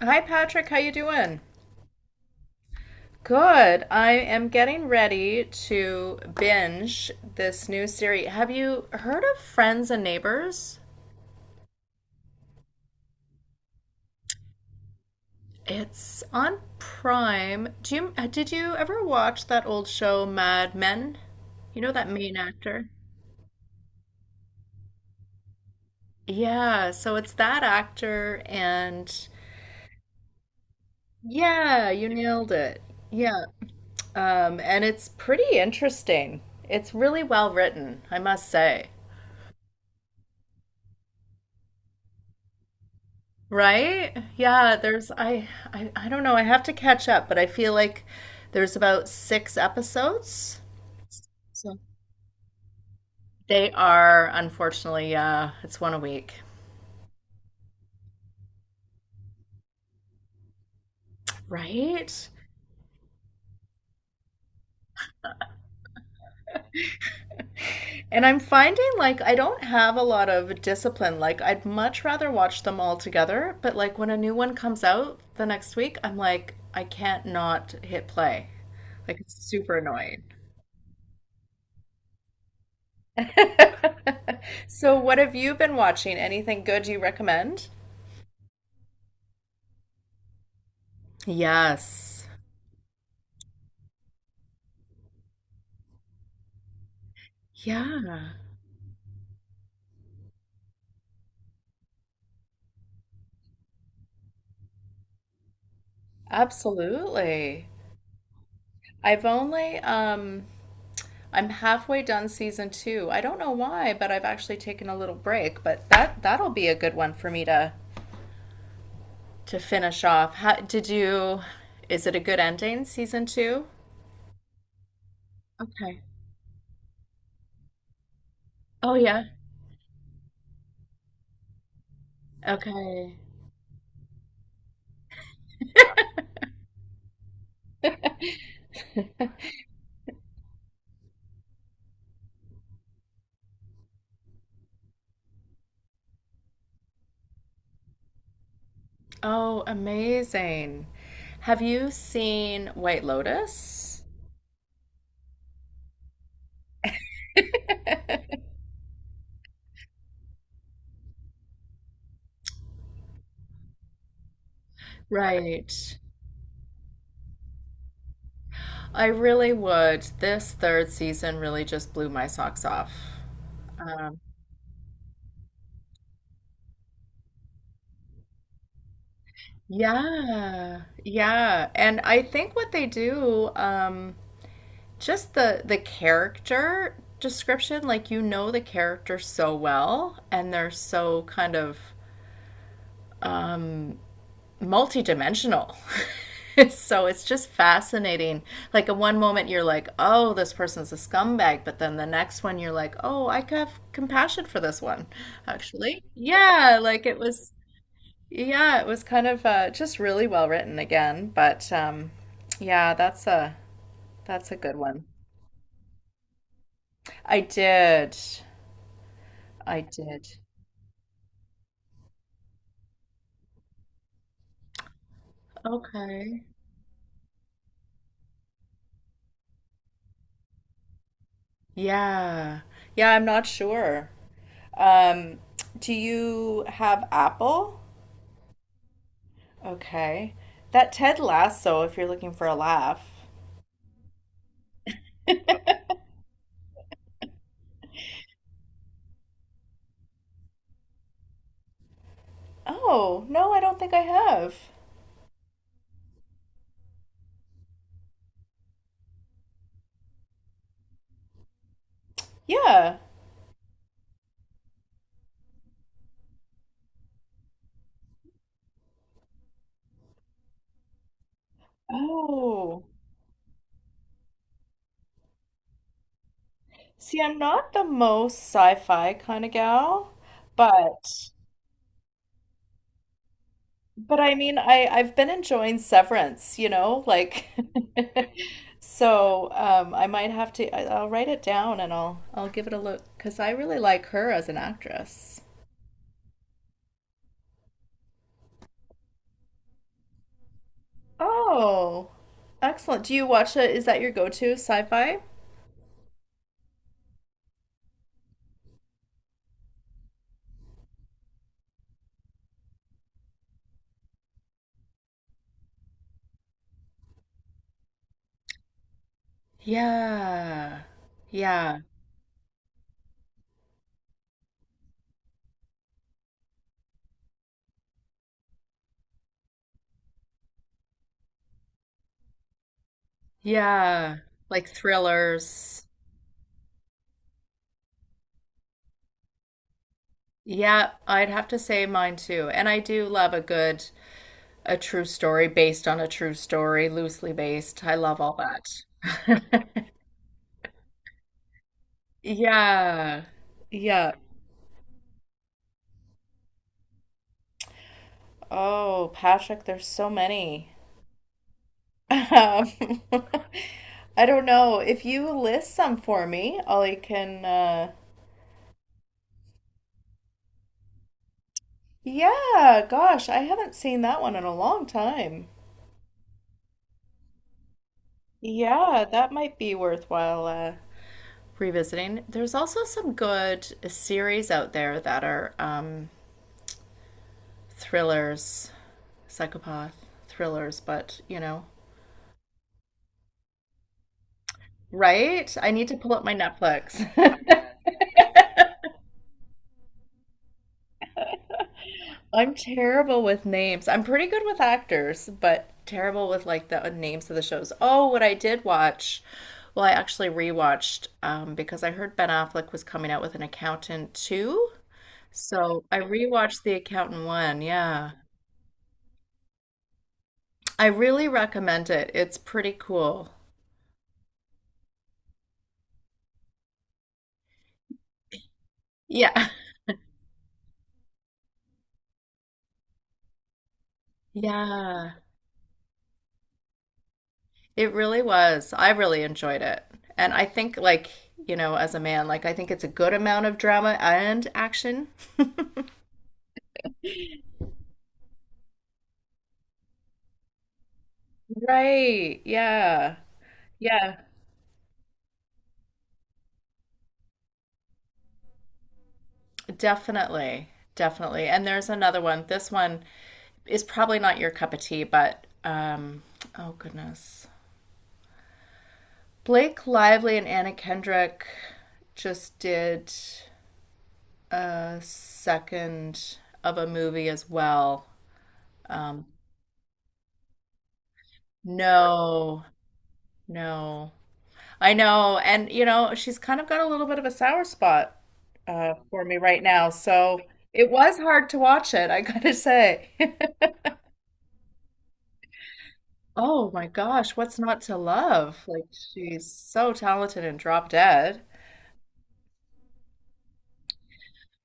Hi Patrick, how you doing? Good. I am getting ready to binge this new series. Have you heard of Friends and Neighbors? It's on Prime. Do you did you ever watch that old show Mad Men? You know that main actor? Yeah, so it's that actor and yeah, you nailed it. Yeah. And it's pretty interesting. It's really well written, I must say. Right? I don't know. I have to catch up, but I feel like there's about six episodes. So they are unfortunately it's one a week. Right? And I'm finding like I don't have a lot of discipline. Like I'd much rather watch them all together, but like when a new one comes out the next week, I'm like I can't not hit play. Like it's super annoying. So what have you been watching? Anything good you recommend? Yes. Yeah, absolutely. I've only I'm halfway done season two. I don't know why, but I've actually taken a little break, but that'll be a good one for me to finish off. How did you is it a good ending, season two? Okay. Oh yeah. Okay. Oh, amazing. Have you seen White Lotus? Right. I really would. This third season really just blew my socks off. Um, yeah, yeah. And I think what they do, just the character description, like you know the character so well, and they're so kind of multidimensional. So it's just fascinating. Like in one moment you're like, "Oh, this person's a scumbag," but then the next one you're like, "Oh, I could have compassion for this one." Actually, yeah, it was kind of just really well written again, but yeah, that's a good one. I did. I did. Okay. Yeah. Yeah, I'm not sure. Um, do you have Apple? Okay. That Ted Lasso, if you're looking for a laugh. Oh, no, I don't think I have. Yeah. Oh. See, I'm not the most sci-fi kind of gal, but but I mean, I've been enjoying Severance, you know, like so I might have to I'll write it down and I'll give it a look because I really like her as an actress. Oh, excellent. Do you watch it? Is that your go-to sci-fi? Yeah. Yeah. Yeah. Like thrillers. Yeah, I'd have to say mine too. And I do love a good, a true story based on a true story, loosely based. I love all that. Yeah. Yeah. Oh, Patrick, there's so many. Um, I don't know. If you list some for me, Ollie can, yeah, gosh, I haven't seen that one in a long time. Yeah, that might be worthwhile, revisiting. There's also some good series out there that are thrillers, psychopath thrillers, but you know, right? I need to pull up my Netflix. I'm terrible with names. I'm pretty good with actors, but terrible with like the names of the shows. Oh, what I did watch. Well, I actually rewatched, because I heard Ben Affleck was coming out with an accountant too. So I rewatched The Accountant one, yeah. I really recommend it. It's pretty cool. Yeah. Yeah. It really was. I really enjoyed it. And I think, like, you know, as a man, like, I think it's a good amount of drama and action. Right. Yeah. Yeah. Definitely. Definitely. And there's another one. This one is probably not your cup of tea, but, oh goodness. Blake Lively and Anna Kendrick just did a second of a movie as well. Um, no, no. I know. And, you know, she's kind of got a little bit of a sour spot for me right now. So it was hard to watch it, I gotta say. Oh my gosh, what's not to love? Like, she's so talented and drop dead.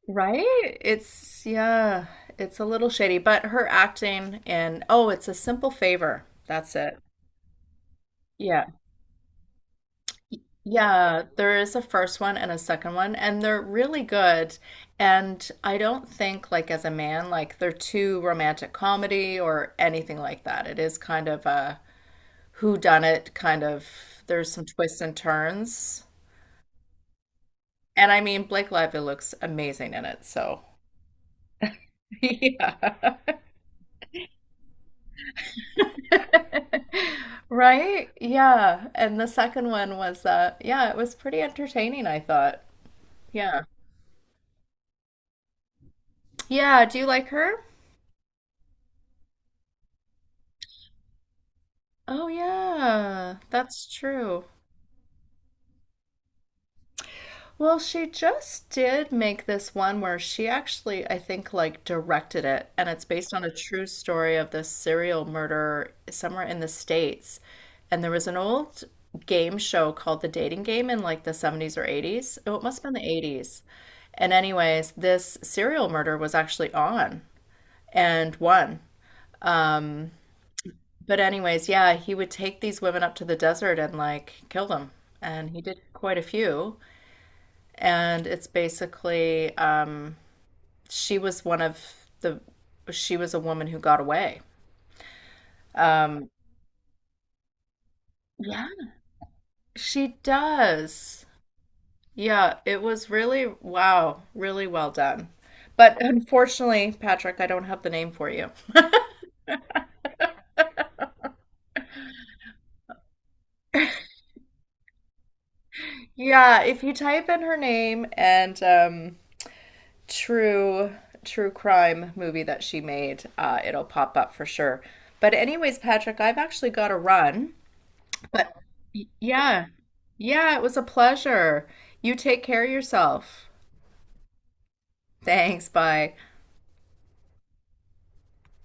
Right? It's, yeah, it's a little shady, but her acting and, oh, it's a simple favor. That's it. Yeah. Y- Yeah, there is a first one and a second one, and they're really good. And I don't think, like, as a man, like, they're too romantic comedy or anything like that. It is kind of a whodunit kind of, there's some twists and turns. And I mean, Blake Lively looks amazing in it, so yeah. Right? Yeah. And the second one was, yeah, it was pretty entertaining, I thought. Yeah. Yeah. Do you like her? Oh, yeah, that's true. Well, she just did make this one where she actually, I think, like directed it, and it's based on a true story of this serial murder somewhere in the States. And there was an old game show called The Dating Game in like the 70s or 80s. Oh, it must have been the 80s. And anyways, this serial murder was actually on and won. Um, but anyways, yeah, he would take these women up to the desert and like kill them. And he did quite a few. And it's basically, she was one of the she was a woman who got away. Um, she does. Yeah, it was really wow, really well done. But unfortunately, Patrick, I don't have the name for you. Yeah, if you type in her name and true crime movie that she made, it'll pop up for sure. But anyways, Patrick, I've actually got to run. But yeah, yeah, it was a pleasure. You take care of yourself. Thanks. Bye.